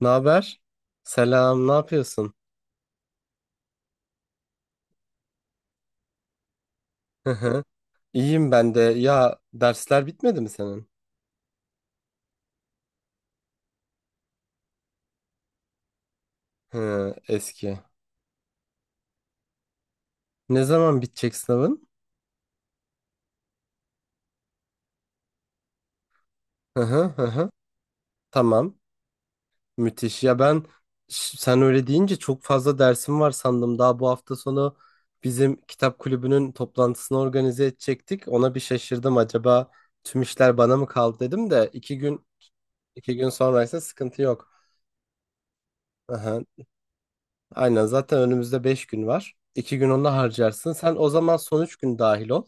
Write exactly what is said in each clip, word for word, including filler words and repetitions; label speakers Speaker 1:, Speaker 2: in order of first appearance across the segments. Speaker 1: Ne haber? Selam, ne yapıyorsun? Hı hı. İyiyim ben de. Ya dersler bitmedi mi senin? Hı, eski. Ne zaman bitecek sınavın? Hı hı hı, hı. Tamam. Müthiş. Ya ben ş- sen öyle deyince çok fazla dersim var sandım. Daha bu hafta sonu bizim kitap kulübünün toplantısını organize edecektik. Ona bir şaşırdım. Acaba tüm işler bana mı kaldı dedim de iki gün iki gün sonraysa sıkıntı yok. Aha, aynen zaten önümüzde beş gün var. İki gün onu harcarsın. Sen o zaman son üç gün dahil ol.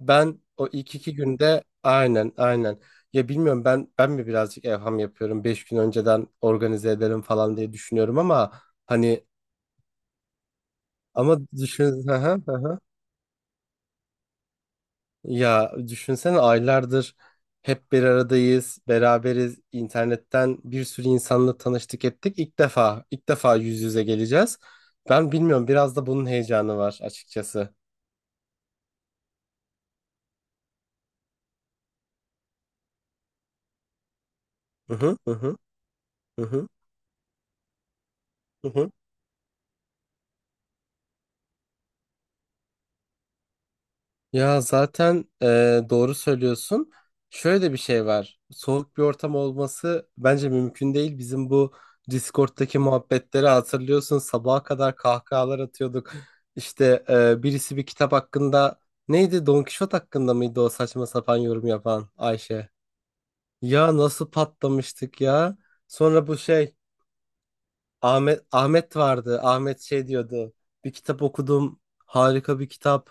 Speaker 1: Ben o ilk iki günde aynen aynen. Ya bilmiyorum ben ben mi birazcık evham yapıyorum. Beş gün önceden organize ederim falan diye düşünüyorum ama hani ama düşün hı hı, hı hı. Ya düşünsene aylardır hep bir aradayız, beraberiz. İnternetten bir sürü insanla tanıştık ettik. İlk defa ilk defa yüz yüze geleceğiz. Ben bilmiyorum biraz da bunun heyecanı var açıkçası. Hı hı hı hı hı hı, hı hı. Ya zaten e, doğru söylüyorsun. Şöyle de bir şey var. Soğuk bir ortam olması bence mümkün değil. Bizim bu Discord'daki muhabbetleri hatırlıyorsun. Sabaha kadar kahkahalar atıyorduk. İşte e, birisi bir kitap hakkında neydi? Don Kişot hakkında mıydı o saçma sapan yorum yapan Ayşe? Ya nasıl patlamıştık ya? Sonra bu şey Ahmet Ahmet vardı. Ahmet şey diyordu. Bir kitap okudum. Harika bir kitap.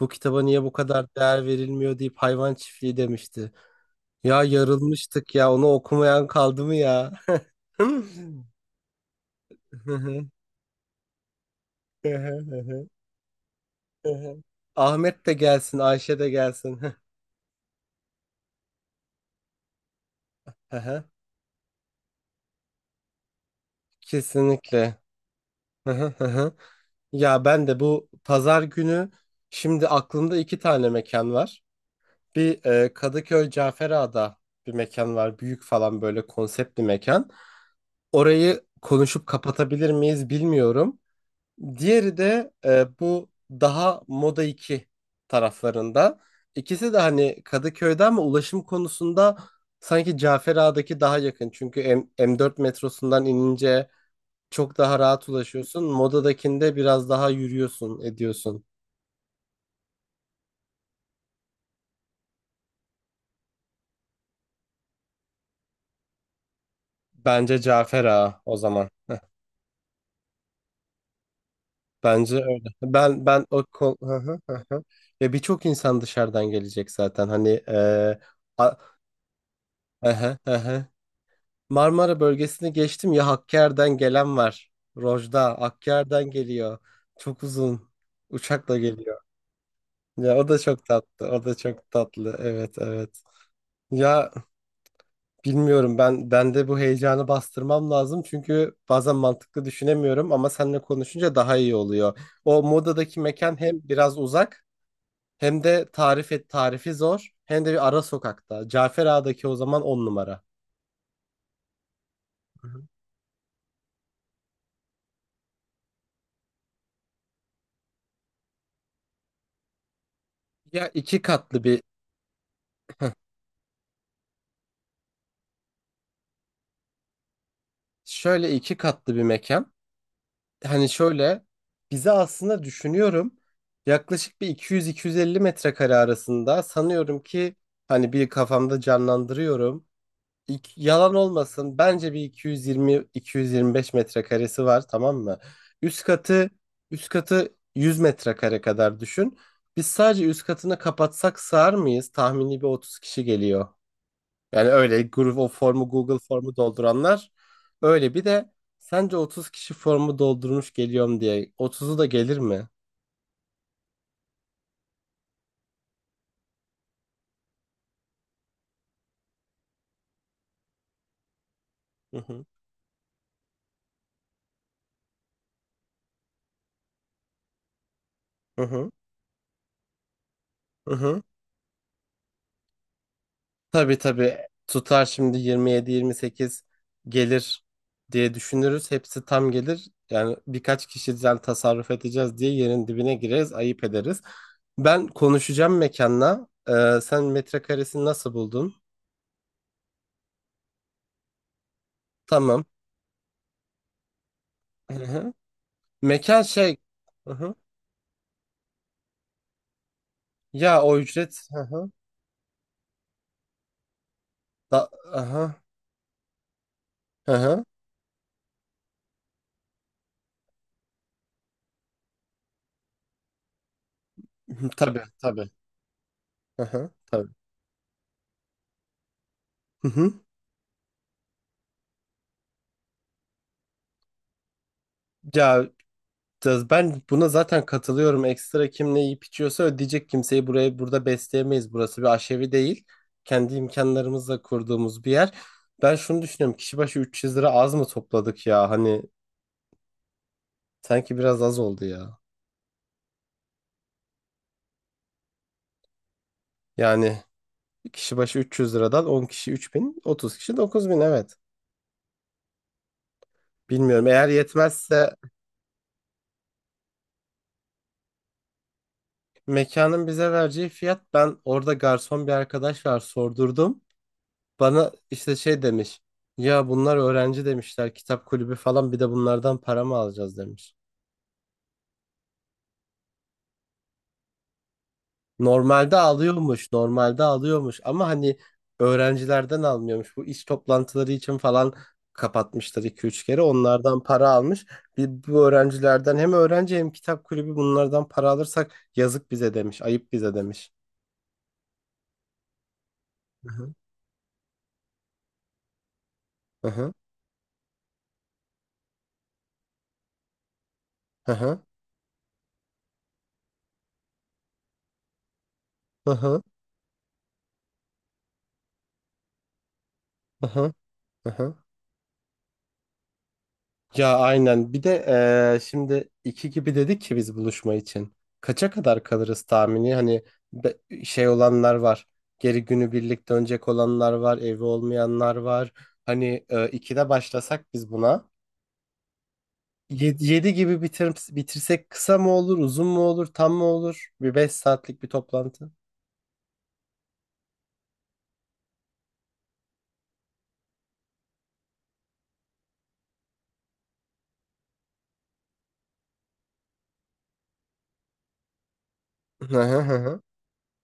Speaker 1: Bu kitaba niye bu kadar değer verilmiyor deyip hayvan çiftliği demişti. Ya yarılmıştık ya onu okumayan kaldı mı ya? Ahmet de gelsin, Ayşe de gelsin. Hı hı. Kesinlikle. Hı hı hı hı. Ya ben de bu pazar günü şimdi aklımda iki tane mekan var. Bir e, Kadıköy Caferağa'da bir mekan var. Büyük falan böyle konsept bir mekan. Orayı konuşup kapatabilir miyiz bilmiyorum. Diğeri de e, bu daha Moda iki taraflarında. İkisi de hani Kadıköy'de ama ulaşım konusunda sanki Cafer Ağa'daki daha yakın. Çünkü M- M4 metrosundan inince çok daha rahat ulaşıyorsun. Moda'dakinde biraz daha yürüyorsun, ediyorsun. Bence Cafer Ağa o zaman. Bence öyle. Ben ben o kon- hı hı, hı hı. Ya birçok insan dışarıdan gelecek zaten. Hani e, a- hı hı, hı hı. Marmara bölgesini geçtim ya Hakkari'den gelen var. Rojda Hakkari'den geliyor. Çok uzun. Uçakla geliyor. Ya o da çok tatlı. O da çok tatlı. Evet, evet. Ya bilmiyorum ben bende bu heyecanı bastırmam lazım çünkü bazen mantıklı düşünemiyorum ama seninle konuşunca daha iyi oluyor. O Moda'daki mekan hem biraz uzak hem de tarif et tarifi zor hem de bir ara sokakta. Cafer Ağa'daki o zaman on numara. Hı hı. Ya iki katlı bir şöyle iki katlı bir mekan. Hani şöyle bize aslında düşünüyorum yaklaşık bir iki yüz iki yüz elli metrekare arasında sanıyorum ki hani bir kafamda canlandırıyorum. İk- yalan olmasın bence bir iki yüz yirmi ile iki yüz yirmi beş metrekaresi var tamam mı? Üst katı üst katı yüz metrekare kadar düşün. Biz sadece üst katını kapatsak sığar mıyız? Tahmini bir otuz kişi geliyor. Yani öyle Google o formu Google formu dolduranlar öyle bir de sence otuz kişi formu doldurmuş geliyorum diye otuzu da gelir mi? Hı hı. Hı hı. Hı hı. Tabii, tabii, tutar şimdi yirmi yedi, yirmi sekiz gelir diye düşünürüz. Hepsi tam gelir. Yani birkaç kişiden tasarruf edeceğiz diye yerin dibine gireriz, ayıp ederiz. Ben konuşacağım mekanla. Ee, sen metrekaresini nasıl buldun? Tamam. Hı hı. Mekan şey. Hı hı. Ya o ücret. Hı hı. Da aha. Aha. Tabii, tabii. Aha. Tabii. Hı hı. Ya da- ben buna zaten katılıyorum. Ekstra kim ne yiyip içiyorsa ödeyecek kimseyi buraya burada besleyemeyiz. Burası bir aşevi değil. Kendi imkanlarımızla kurduğumuz bir yer. Ben şunu düşünüyorum. Kişi başı üç yüz lira az mı topladık ya? Hani sanki biraz az oldu ya. Yani kişi başı üç yüz liradan on kişi üç bin otuz kişi dokuz bin evet. Bilmiyorum. Eğer yetmezse mekanın bize vereceği fiyat ben orada garson bir arkadaş var sordurdum. Bana işte şey demiş. Ya bunlar öğrenci demişler kitap kulübü falan bir de bunlardan para mı alacağız demiş. Normalde alıyormuş normalde alıyormuş ama hani öğrencilerden almıyormuş. Bu iş toplantıları için falan kapatmışlar iki üç kere onlardan para almış. Bir, bu öğrencilerden hem öğrenci hem kitap kulübü bunlardan para alırsak yazık bize demiş ayıp bize demiş. Hı hı. Hı hı. Hı hı. Hı hı. Hı hı. Hı hı. Ya aynen. Bir de eee, şimdi iki gibi dedik ki biz buluşma için. Kaça kadar kalırız tahmini? Hani be- şey olanlar var. Geri günü birlikte dönecek olanlar var. Evi olmayanlar var. Hani e, ikide başlasak biz buna. Yedi, yedi gibi bitir, bitirsek kısa mı olur, uzun mu olur, tam mı olur? Bir beş saatlik bir toplantı. Hı hı hı, hı.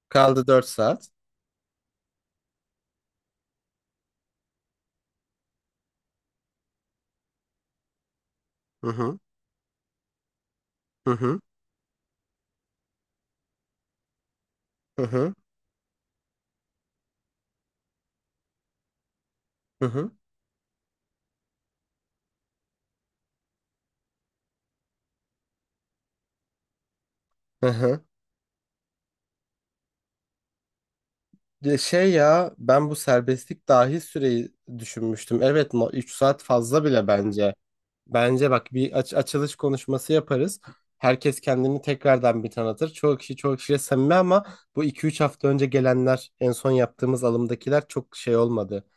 Speaker 1: Kaldı dört saat. Hı hı. Hı hı. Hı hı. Hı hı. Hı hı. De şey ya ben bu serbestlik dahil süreyi düşünmüştüm. Evet üç saat fazla bile bence. Bence bak bir aç- açılış konuşması yaparız. Herkes kendini tekrardan bir tanıtır. Çoğu kişi çoğu kişiyle samimi ama bu iki üç hafta önce gelenler en son yaptığımız alımdakiler çok şey olmadı.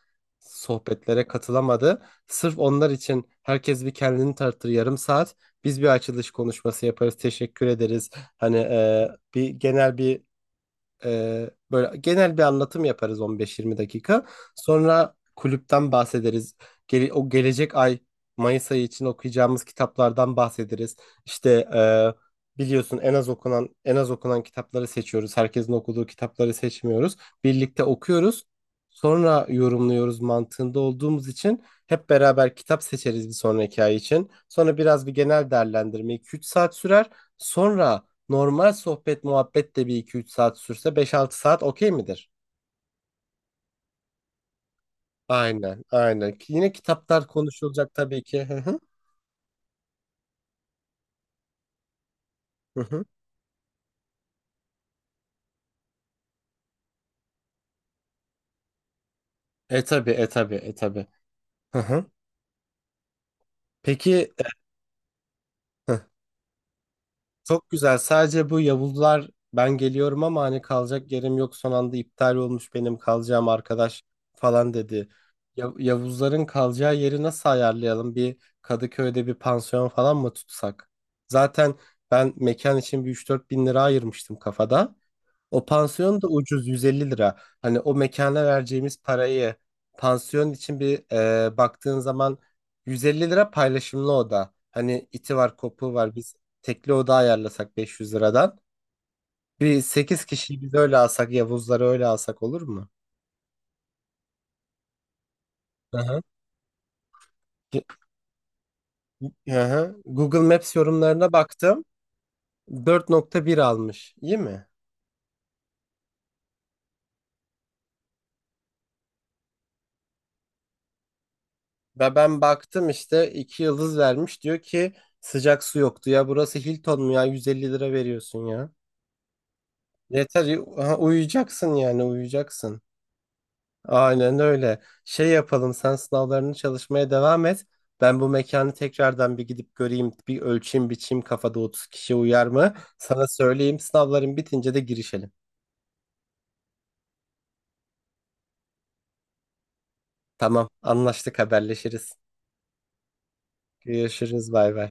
Speaker 1: Sohbetlere katılamadı. Sırf onlar için herkes bir kendini tanıtır yarım saat. Biz bir açılış konuşması yaparız. Teşekkür ederiz. Hani e, bir genel bir ee, böyle genel bir anlatım yaparız on beş ila yirmi dakika. Sonra kulüpten bahsederiz. Gele- o gelecek ay Mayıs ayı için okuyacağımız kitaplardan bahsederiz. İşte e, biliyorsun en az okunan en az okunan kitapları seçiyoruz. Herkesin okuduğu kitapları seçmiyoruz. Birlikte okuyoruz. Sonra yorumluyoruz mantığında olduğumuz için hep beraber kitap seçeriz bir sonraki ay için. Sonra biraz bir genel değerlendirme iki üç saat sürer. Sonra normal sohbet muhabbet de bir iki üç saat sürse beş altı saat okey midir? Aynen, aynen. Ki yine kitaplar konuşulacak tabii ki. Hı hı. Hı hı. E tabii, e tabii, e tabii. Hı hı. Peki e, hı. Çok güzel. Sadece bu Yavuzlar ben geliyorum ama hani kalacak yerim yok son anda iptal olmuş benim kalacağım arkadaş falan dedi. Ya- Yavuzların kalacağı yeri nasıl ayarlayalım? Bir Kadıköy'de bir pansiyon falan mı tutsak? Zaten ben mekan için bir üç dört bin lira ayırmıştım kafada. O pansiyon da ucuz yüz elli lira. Hani o mekana vereceğimiz parayı pansiyon için bir e, baktığın zaman yüz elli lira paylaşımlı oda. Hani iti var, kopuğu var. Biz tekli oda ayarlasak beş yüz liradan. Bir sekiz kişiyi biz öyle alsak, Yavuzları öyle alsak olur mu? Hı hı. Google Maps yorumlarına baktım. Dört nokta bir almış. İyi mi? Ve ben baktım işte iki yıldız vermiş. Diyor ki sıcak su yoktu ya. Burası Hilton mu ya? yüz elli lira veriyorsun ya. Yeter ha, uyuyacaksın yani uyuyacaksın. Aynen öyle. Şey yapalım sen sınavlarını çalışmaya devam et. Ben bu mekanı tekrardan bir gidip göreyim, bir ölçeyim, biçeyim kafada otuz kişi uyar mı? Sana söyleyeyim sınavların bitince de girişelim. Tamam, anlaştık haberleşiriz. Görüşürüz bay bay.